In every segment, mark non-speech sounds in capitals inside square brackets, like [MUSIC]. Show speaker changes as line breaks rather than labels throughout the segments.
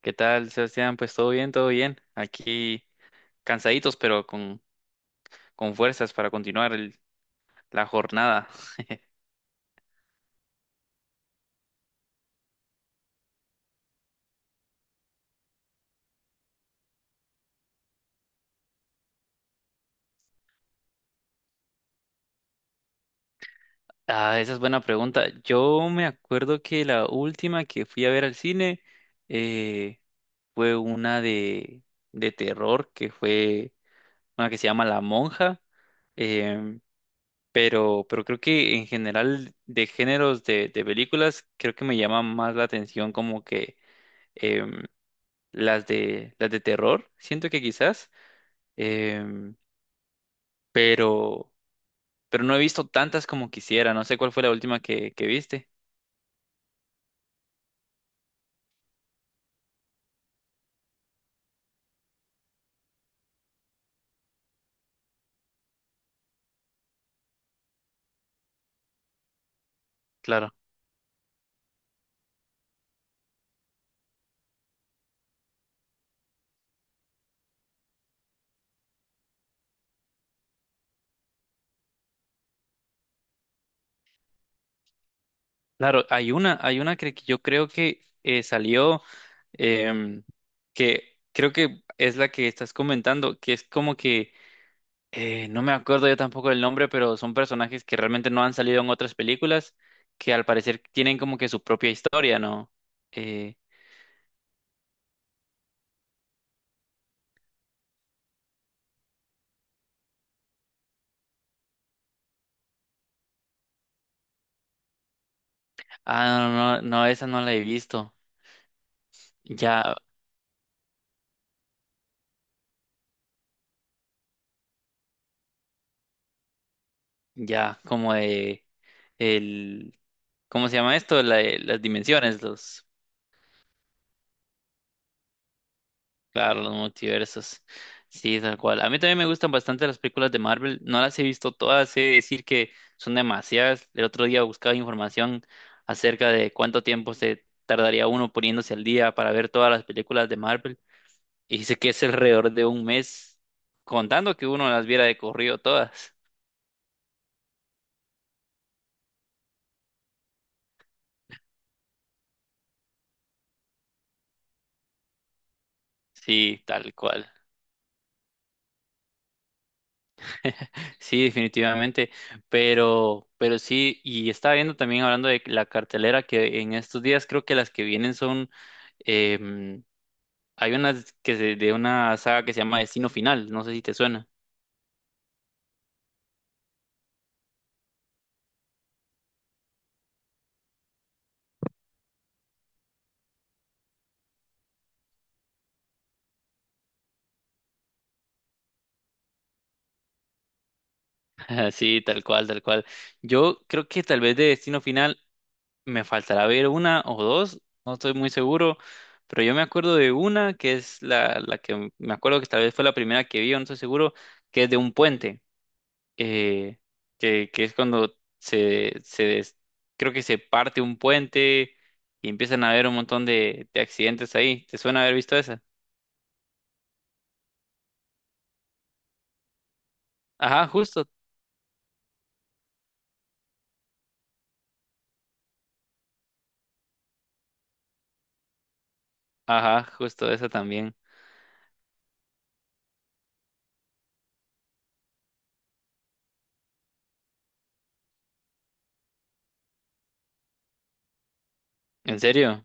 ¿Qué tal, Sebastián? Pues todo bien, todo bien. Aquí cansaditos, con fuerzas para continuar la jornada. Ah, esa es buena pregunta. Yo me acuerdo que la última que fui a ver al cine eh, fue una de terror, que fue una que se llama La Monja. Em, pero creo que en general de géneros de películas, creo que me llama más la atención como que em, las las de terror. Siento que quizás. em, pero, pero no he visto tantas como quisiera. No sé cuál fue la última que viste. Claro, claro, hay una que yo creo que salió, em, que creo que es la que estás comentando, que es como que, no me acuerdo yo tampoco del nombre, pero son personajes que realmente no han salido en otras películas, que al parecer tienen como que su propia historia, ¿no? Eh, ah, no, no, no, esa no la he visto. Ya, ya, como de el ¿Cómo se llama esto? Las dimensiones, los, claro, los multiversos. Sí, tal cual. A mí también me gustan bastante las películas de Marvel. No las he visto todas, he de decir que son demasiadas. El otro día buscaba información acerca de cuánto tiempo se tardaría uno poniéndose al día para ver todas las películas de Marvel. Y dice que es alrededor de un mes, contando que uno las viera de corrido todas. Sí, tal cual. [LAUGHS] Sí, definitivamente, pero sí, y estaba viendo también hablando de la cartelera que en estos días creo que las que vienen son, em, hay unas de una saga que se llama Destino Final, no sé si te suena. [LAUGHS] Sí, tal cual, tal cual. Yo creo que tal vez de Destino Final me faltará ver una o dos, no estoy muy seguro, pero yo me acuerdo de una que es la que me acuerdo que tal vez fue la primera que vi, o no estoy seguro, que es de un puente. eh, que es cuando creo que se parte un puente y empiezan a haber un montón de accidentes ahí. ¿Te suena haber visto esa? Ajá, justo. Ajá, justo esa también. ¿En serio?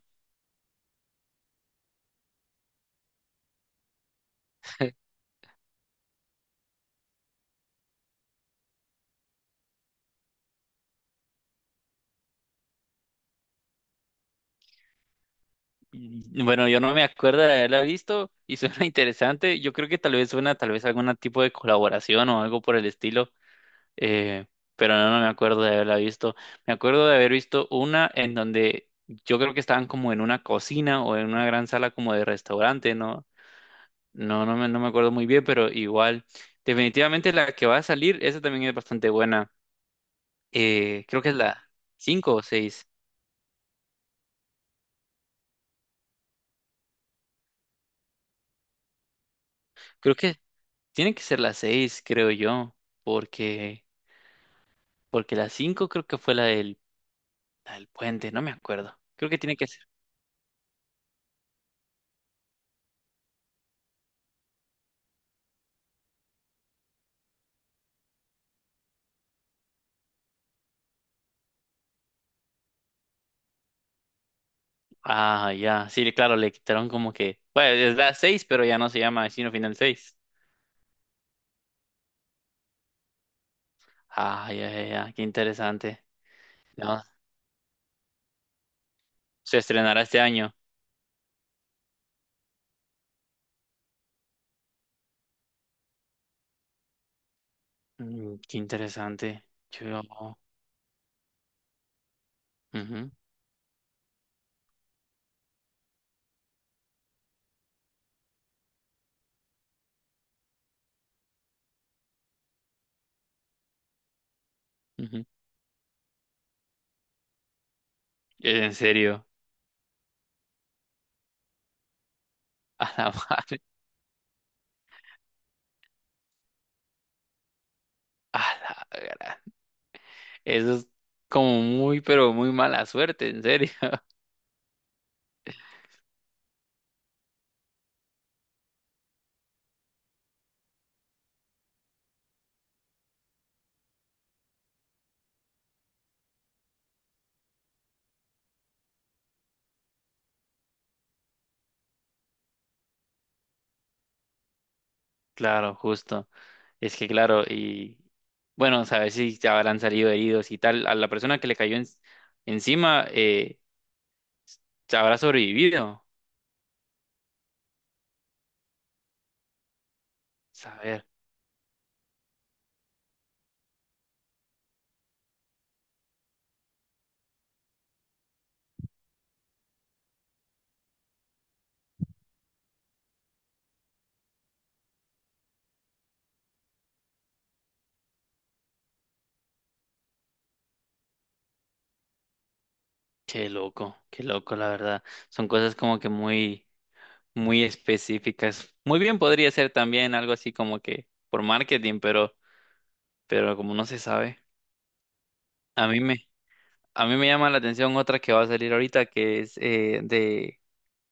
[LAUGHS] Bueno, yo no me acuerdo de haberla visto y suena [LAUGHS] interesante. Yo creo que tal vez suena tal vez algún tipo de colaboración o algo por el estilo. eh, pero no, no me acuerdo de haberla visto. Me acuerdo de haber visto una en donde yo creo que estaban como en una cocina o en una gran sala como de restaurante, ¿no? No, no me acuerdo muy bien, pero igual. Definitivamente la que va a salir, esa también es bastante buena. Creo que es la 5 o seis. Creo que tiene que ser la 6 creo yo, porque, porque la 5 creo que fue la la del puente, no me acuerdo. Creo que tiene que ser. Ah, ya. Sí, claro, le quitaron como que. Bueno, es la 6, pero ya no se llama Destino Final 6. Ah, ya, ya, ya. Qué interesante. No, se estrenará este año. Mm, qué interesante. Yo. Ujú, ujú. En serio. [LAUGHS] A la madre. A la gra- Eso es como muy, pero muy mala suerte, en serio. [LAUGHS] Claro, justo. Es que, claro, y. Bueno, sabes si te habrán salido heridos y tal. A la persona que le cayó encima, habrá sobrevivido. Saber, qué loco, la verdad. Son cosas como que muy, muy específicas. Muy bien podría ser también algo así como que por marketing, pero como no se sabe. A mí me, a mí me llama la atención otra que va a salir ahorita, que es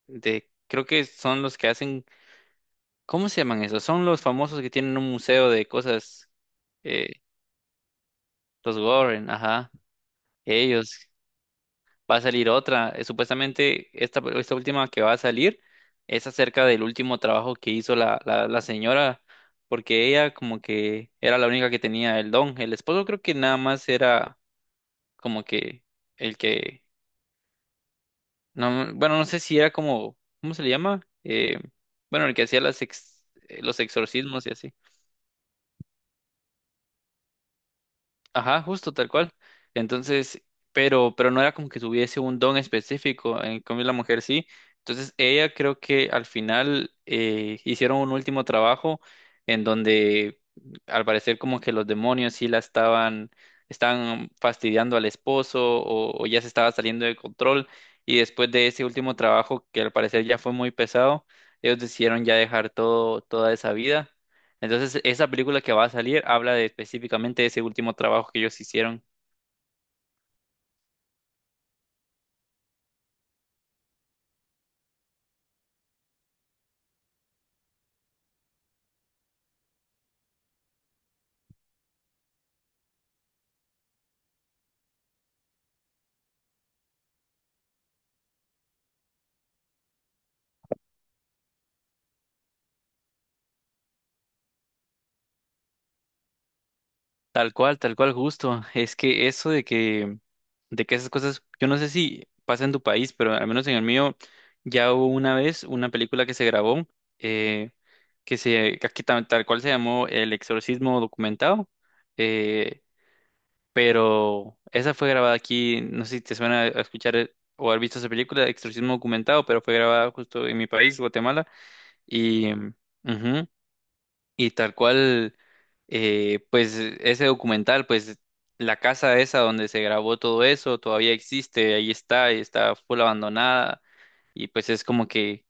de, creo que son los que hacen, ¿cómo se llaman esos? Son los famosos que tienen un museo de cosas, eh, los Warren, ajá. Ellos, va a salir otra. Supuestamente esta última que va a salir es acerca del último trabajo que hizo la señora, porque ella como que era la única que tenía el don. El esposo creo que nada más era como que el que, no, bueno, no sé si era como, ¿cómo se le llama? Bueno, el que hacía los exorcismos y así. Ajá, justo tal cual. Entonces, pero no era como que tuviese un don específico, en cambio la mujer sí. Entonces, ella creo que al final hicieron un último trabajo en donde al parecer como que los demonios sí la estaban, estaban fastidiando al esposo o ya se estaba saliendo de control. Y después de ese último trabajo, que al parecer ya fue muy pesado, ellos decidieron ya dejar todo, toda esa vida entonces, esa película que va a salir habla de específicamente de ese último trabajo que ellos hicieron. Tal cual, justo. Es que eso de que esas cosas, yo no sé si pasa en tu país, pero al menos en el mío ya hubo una vez una película que se grabó, eh, que aquí tal, cual se llamó El Exorcismo Documentado, eh, pero esa fue grabada aquí, no sé si te suena a escuchar o haber visto esa película, Exorcismo Documentado, pero fue grabada justo en mi país, Guatemala, y... ujú, y tal cual, pues ese documental, pues la casa esa donde se grabó todo eso todavía existe, ahí está, y está full abandonada y pues es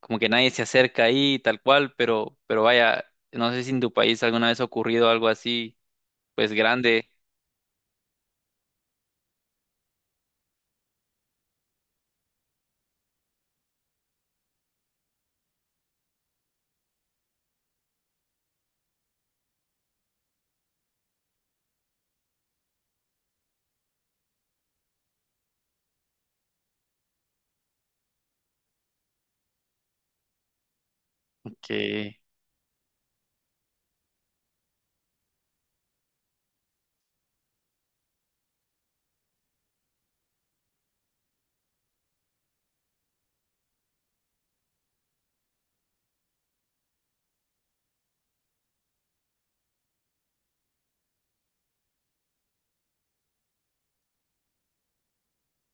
como que nadie se acerca ahí, tal cual, pero vaya, no sé si en tu país alguna vez ha ocurrido algo así, pues grande, que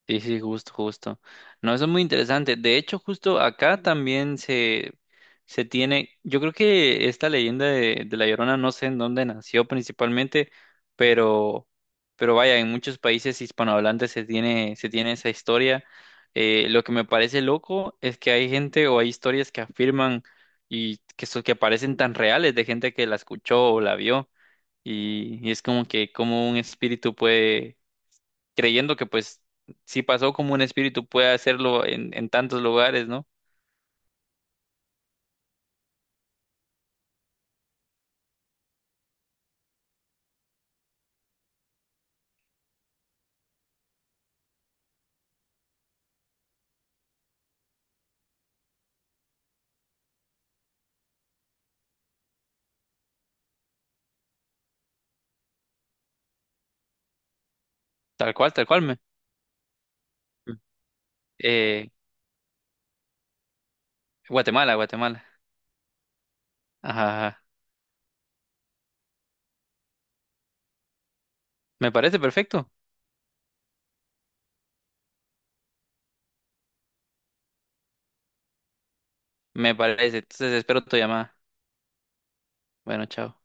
sí, sí, justo, justo. No, eso es muy interesante. De hecho, justo acá también se tiene, yo creo que esta leyenda de La Llorona, no sé en dónde nació principalmente, pero, pero vaya, en muchos países hispanohablantes se tiene esa historia. Lo que me parece loco es que hay gente o hay historias que afirman y que, que parecen tan reales de gente que la escuchó o la vio. Y es como que como un espíritu puede creyendo que pues si pasó como un espíritu puede hacerlo en tantos lugares, ¿no? Tal cual me. Eh, Guatemala, Guatemala. Ajá, ajá. Me parece perfecto. Me parece. Entonces espero tu llamada. Bueno, chao.